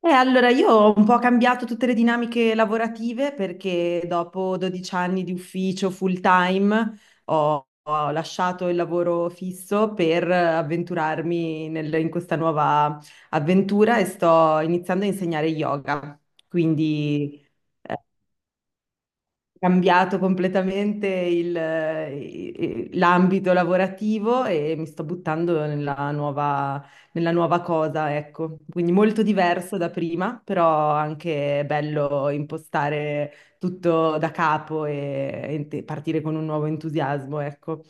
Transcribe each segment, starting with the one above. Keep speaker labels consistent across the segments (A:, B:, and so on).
A: Allora, io ho un po' cambiato tutte le dinamiche lavorative perché dopo 12 anni di ufficio full time ho lasciato il lavoro fisso per avventurarmi in questa nuova avventura e sto iniziando a insegnare yoga. Quindi cambiato completamente l'ambito lavorativo e mi sto buttando nella nuova cosa, ecco. Quindi molto diverso da prima, però anche bello impostare tutto da capo e partire con un nuovo entusiasmo, ecco.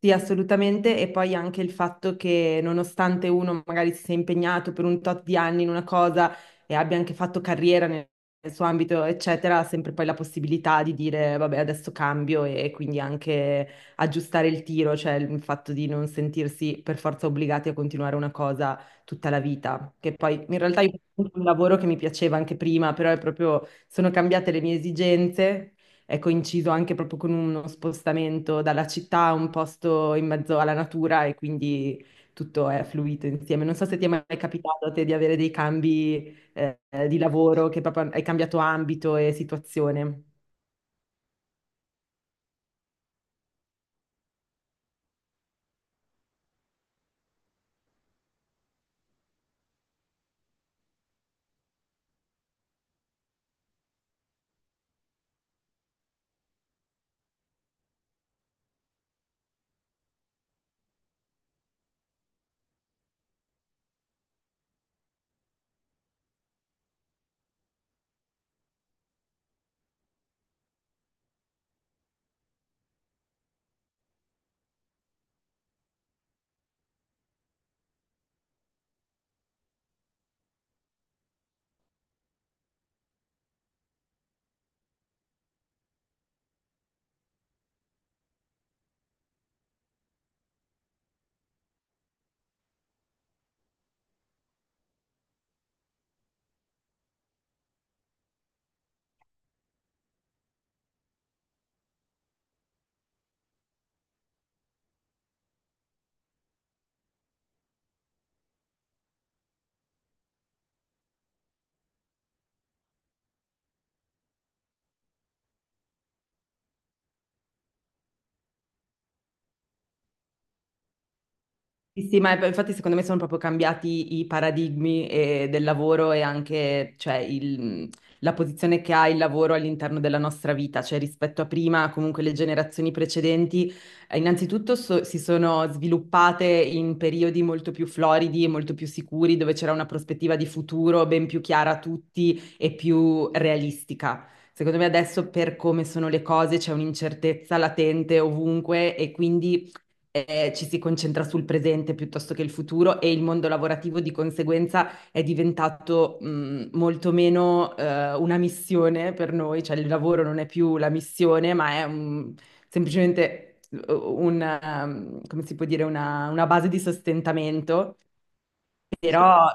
A: Sì, assolutamente. E poi anche il fatto che nonostante uno magari si sia impegnato per un tot di anni in una cosa e abbia anche fatto carriera nel suo ambito, eccetera, ha sempre poi la possibilità di dire, vabbè, adesso cambio e quindi anche aggiustare il tiro, cioè il fatto di non sentirsi per forza obbligati a continuare una cosa tutta la vita. Che poi in realtà io ho fatto un lavoro che mi piaceva anche prima, però è proprio sono cambiate le mie esigenze, è coinciso anche proprio con uno spostamento dalla città a un posto in mezzo alla natura e quindi tutto è fluito insieme. Non so se ti è mai capitato a te di avere dei cambi di lavoro, che proprio hai cambiato ambito e situazione. Sì, sì, ma infatti secondo me sono proprio cambiati i paradigmi del lavoro e anche cioè, la posizione che ha il lavoro all'interno della nostra vita, cioè rispetto a prima, comunque le generazioni precedenti, innanzitutto si sono sviluppate in periodi molto più floridi e molto più sicuri, dove c'era una prospettiva di futuro ben più chiara a tutti e più realistica. Secondo me adesso per come sono le cose c'è un'incertezza latente ovunque e quindi ci si concentra sul presente piuttosto che il futuro e il mondo lavorativo di conseguenza è diventato molto meno una missione per noi, cioè il lavoro non è più la missione, ma è semplicemente come si può dire, una base di sostentamento. Però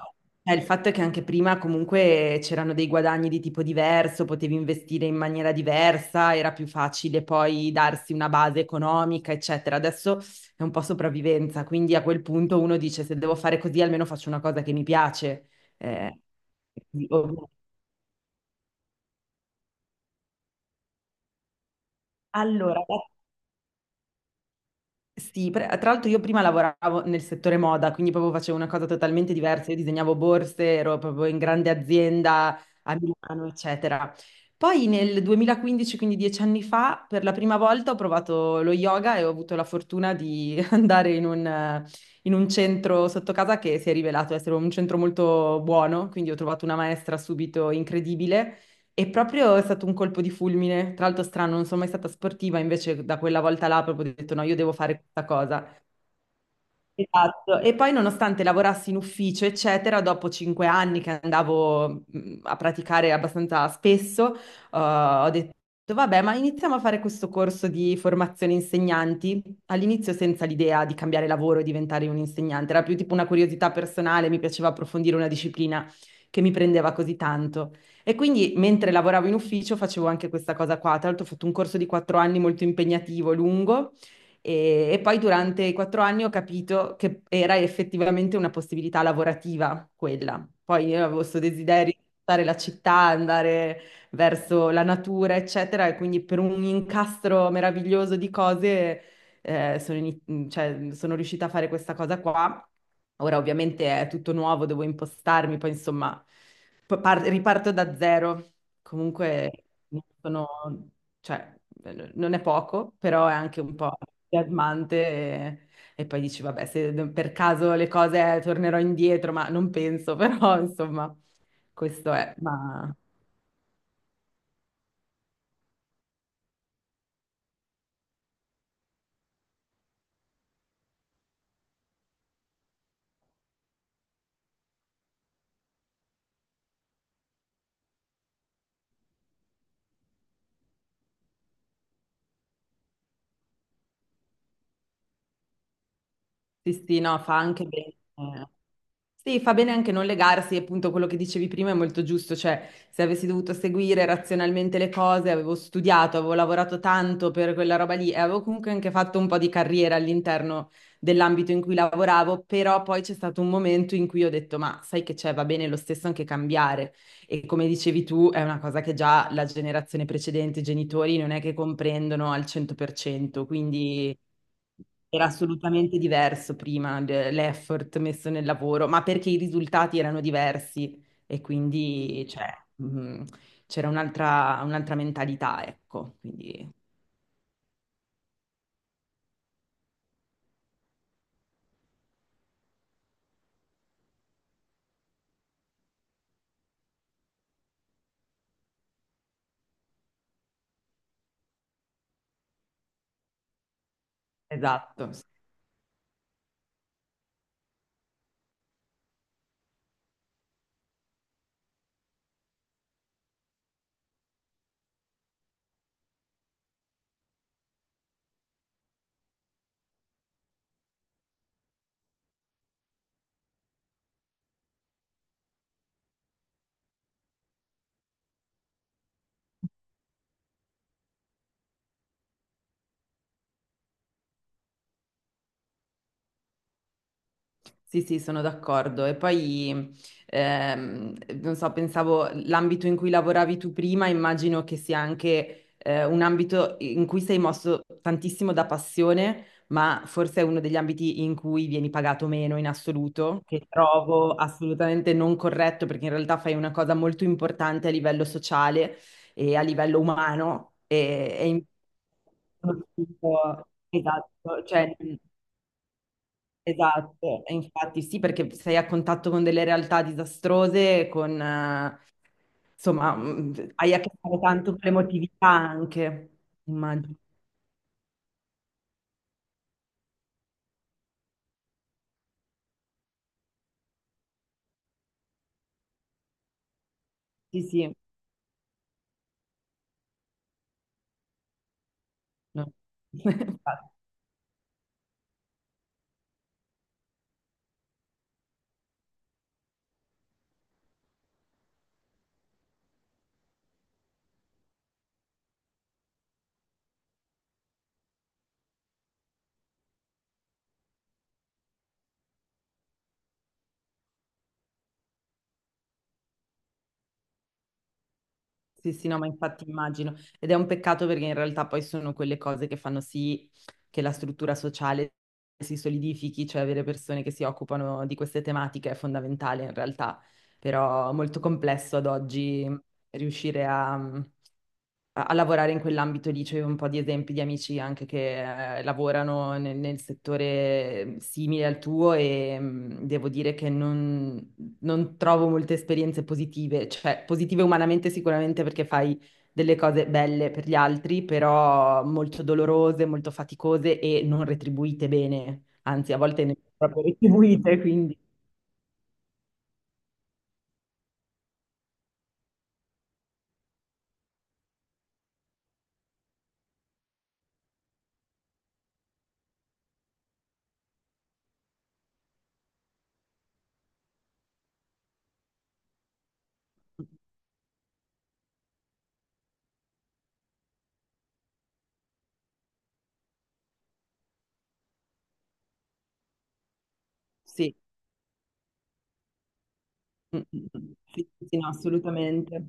A: il fatto è che anche prima comunque c'erano dei guadagni di tipo diverso, potevi investire in maniera diversa, era più facile poi darsi una base economica, eccetera. Adesso è un po' sopravvivenza, quindi a quel punto uno dice se devo fare così almeno faccio una cosa che mi piace. Eh, quindi, ovvio. Allora, Sì, tra l'altro io prima lavoravo nel settore moda, quindi proprio facevo una cosa totalmente diversa, io disegnavo borse, ero proprio in grande azienda a Milano, eccetera. Poi nel 2015, quindi 10 anni fa, per la prima volta ho provato lo yoga e ho avuto la fortuna di andare in un centro sotto casa che si è rivelato essere un centro molto buono, quindi ho trovato una maestra subito incredibile e proprio è stato un colpo di fulmine. Tra l'altro strano, non sono mai stata sportiva, invece da quella volta là proprio ho detto no, io devo fare questa cosa. Esatto, e poi nonostante lavorassi in ufficio, eccetera, dopo 5 anni che andavo a praticare abbastanza spesso, ho detto, vabbè, ma iniziamo a fare questo corso di formazione insegnanti, all'inizio senza l'idea di cambiare lavoro e diventare un insegnante, era più tipo una curiosità personale, mi piaceva approfondire una disciplina che mi prendeva così tanto. E quindi mentre lavoravo in ufficio facevo anche questa cosa qua, tra l'altro ho fatto un corso di 4 anni molto impegnativo, lungo. E poi durante i 4 anni ho capito che era effettivamente una possibilità lavorativa quella. Poi io avevo questo desiderio di stare la città, andare verso la natura, eccetera, e quindi per un incastro meraviglioso di cose cioè, sono riuscita a fare questa cosa qua. Ora ovviamente è tutto nuovo, devo impostarmi, poi insomma riparto da zero. Comunque sono, cioè, no, non è poco, però è anche un po' entusiasmante e poi dici, vabbè, se per caso le cose tornerò indietro, ma non penso, però insomma, questo è. Ma sì, sì, no, fa anche bene. Eh. Sì, fa bene anche non legarsi, e appunto quello che dicevi prima è molto giusto, cioè se avessi dovuto seguire razionalmente le cose, avevo studiato, avevo lavorato tanto per quella roba lì e avevo comunque anche fatto un po' di carriera all'interno dell'ambito in cui lavoravo, però poi c'è stato un momento in cui ho detto, ma sai che c'è, va bene lo stesso anche cambiare e come dicevi tu è una cosa che già la generazione precedente, i genitori non è che comprendono al 100%, quindi. Era assolutamente diverso prima l'effort messo nel lavoro, ma perché i risultati erano diversi e quindi cioè, mh, c'era un'altra mentalità, ecco. Quindi, esatto. Sì, sì, sono d'accordo. E poi, ehm, non so, pensavo l'ambito in cui lavoravi tu prima, immagino che sia anche un ambito in cui sei mosso tantissimo da passione, ma forse è uno degli ambiti in cui vieni pagato meno in assoluto, che trovo assolutamente non corretto, perché in realtà fai una cosa molto importante a livello sociale e a livello umano. Esatto, cioè. Esatto, e infatti sì, perché sei a contatto con delle realtà disastrose, insomma, hai a che fare tanto con l'emotività anche, immagino. Sì, sì, no. Infatti, sì, sì, no, ma infatti immagino. Ed è un peccato perché in realtà poi sono quelle cose che fanno sì che la struttura sociale si solidifichi, cioè avere persone che si occupano di queste tematiche è fondamentale in realtà, però molto complesso ad oggi riuscire a lavorare in quell'ambito lì. C'è un po' di esempi di amici anche che lavorano nel settore simile al tuo e devo dire che non trovo molte esperienze positive, cioè positive umanamente sicuramente perché fai delle cose belle per gli altri, però molto dolorose, molto faticose e non retribuite bene, anzi a volte ne proprio retribuite, quindi sì. Mm, mm, mm. Sì, sì, sì, no, assolutamente.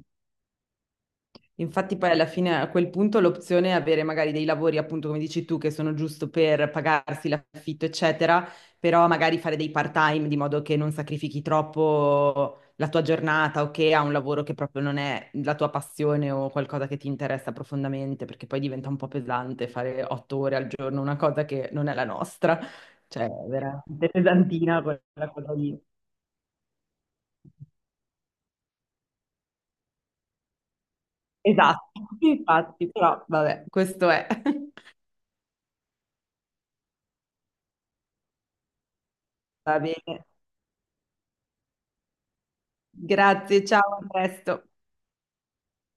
A: Infatti poi alla fine a quel punto l'opzione è avere magari dei lavori, appunto come dici tu, che sono giusto per pagarsi l'affitto, eccetera, però magari fare dei part-time di modo che non sacrifichi troppo la tua giornata o che ha un lavoro che proprio non è la tua passione o qualcosa che ti interessa profondamente, perché poi diventa un po' pesante fare 8 ore al giorno, una cosa che non è la nostra, cioè è veramente pesantina quella cosa lì. Esatto, infatti, però vabbè, questo è. Va bene. Grazie, ciao, a presto.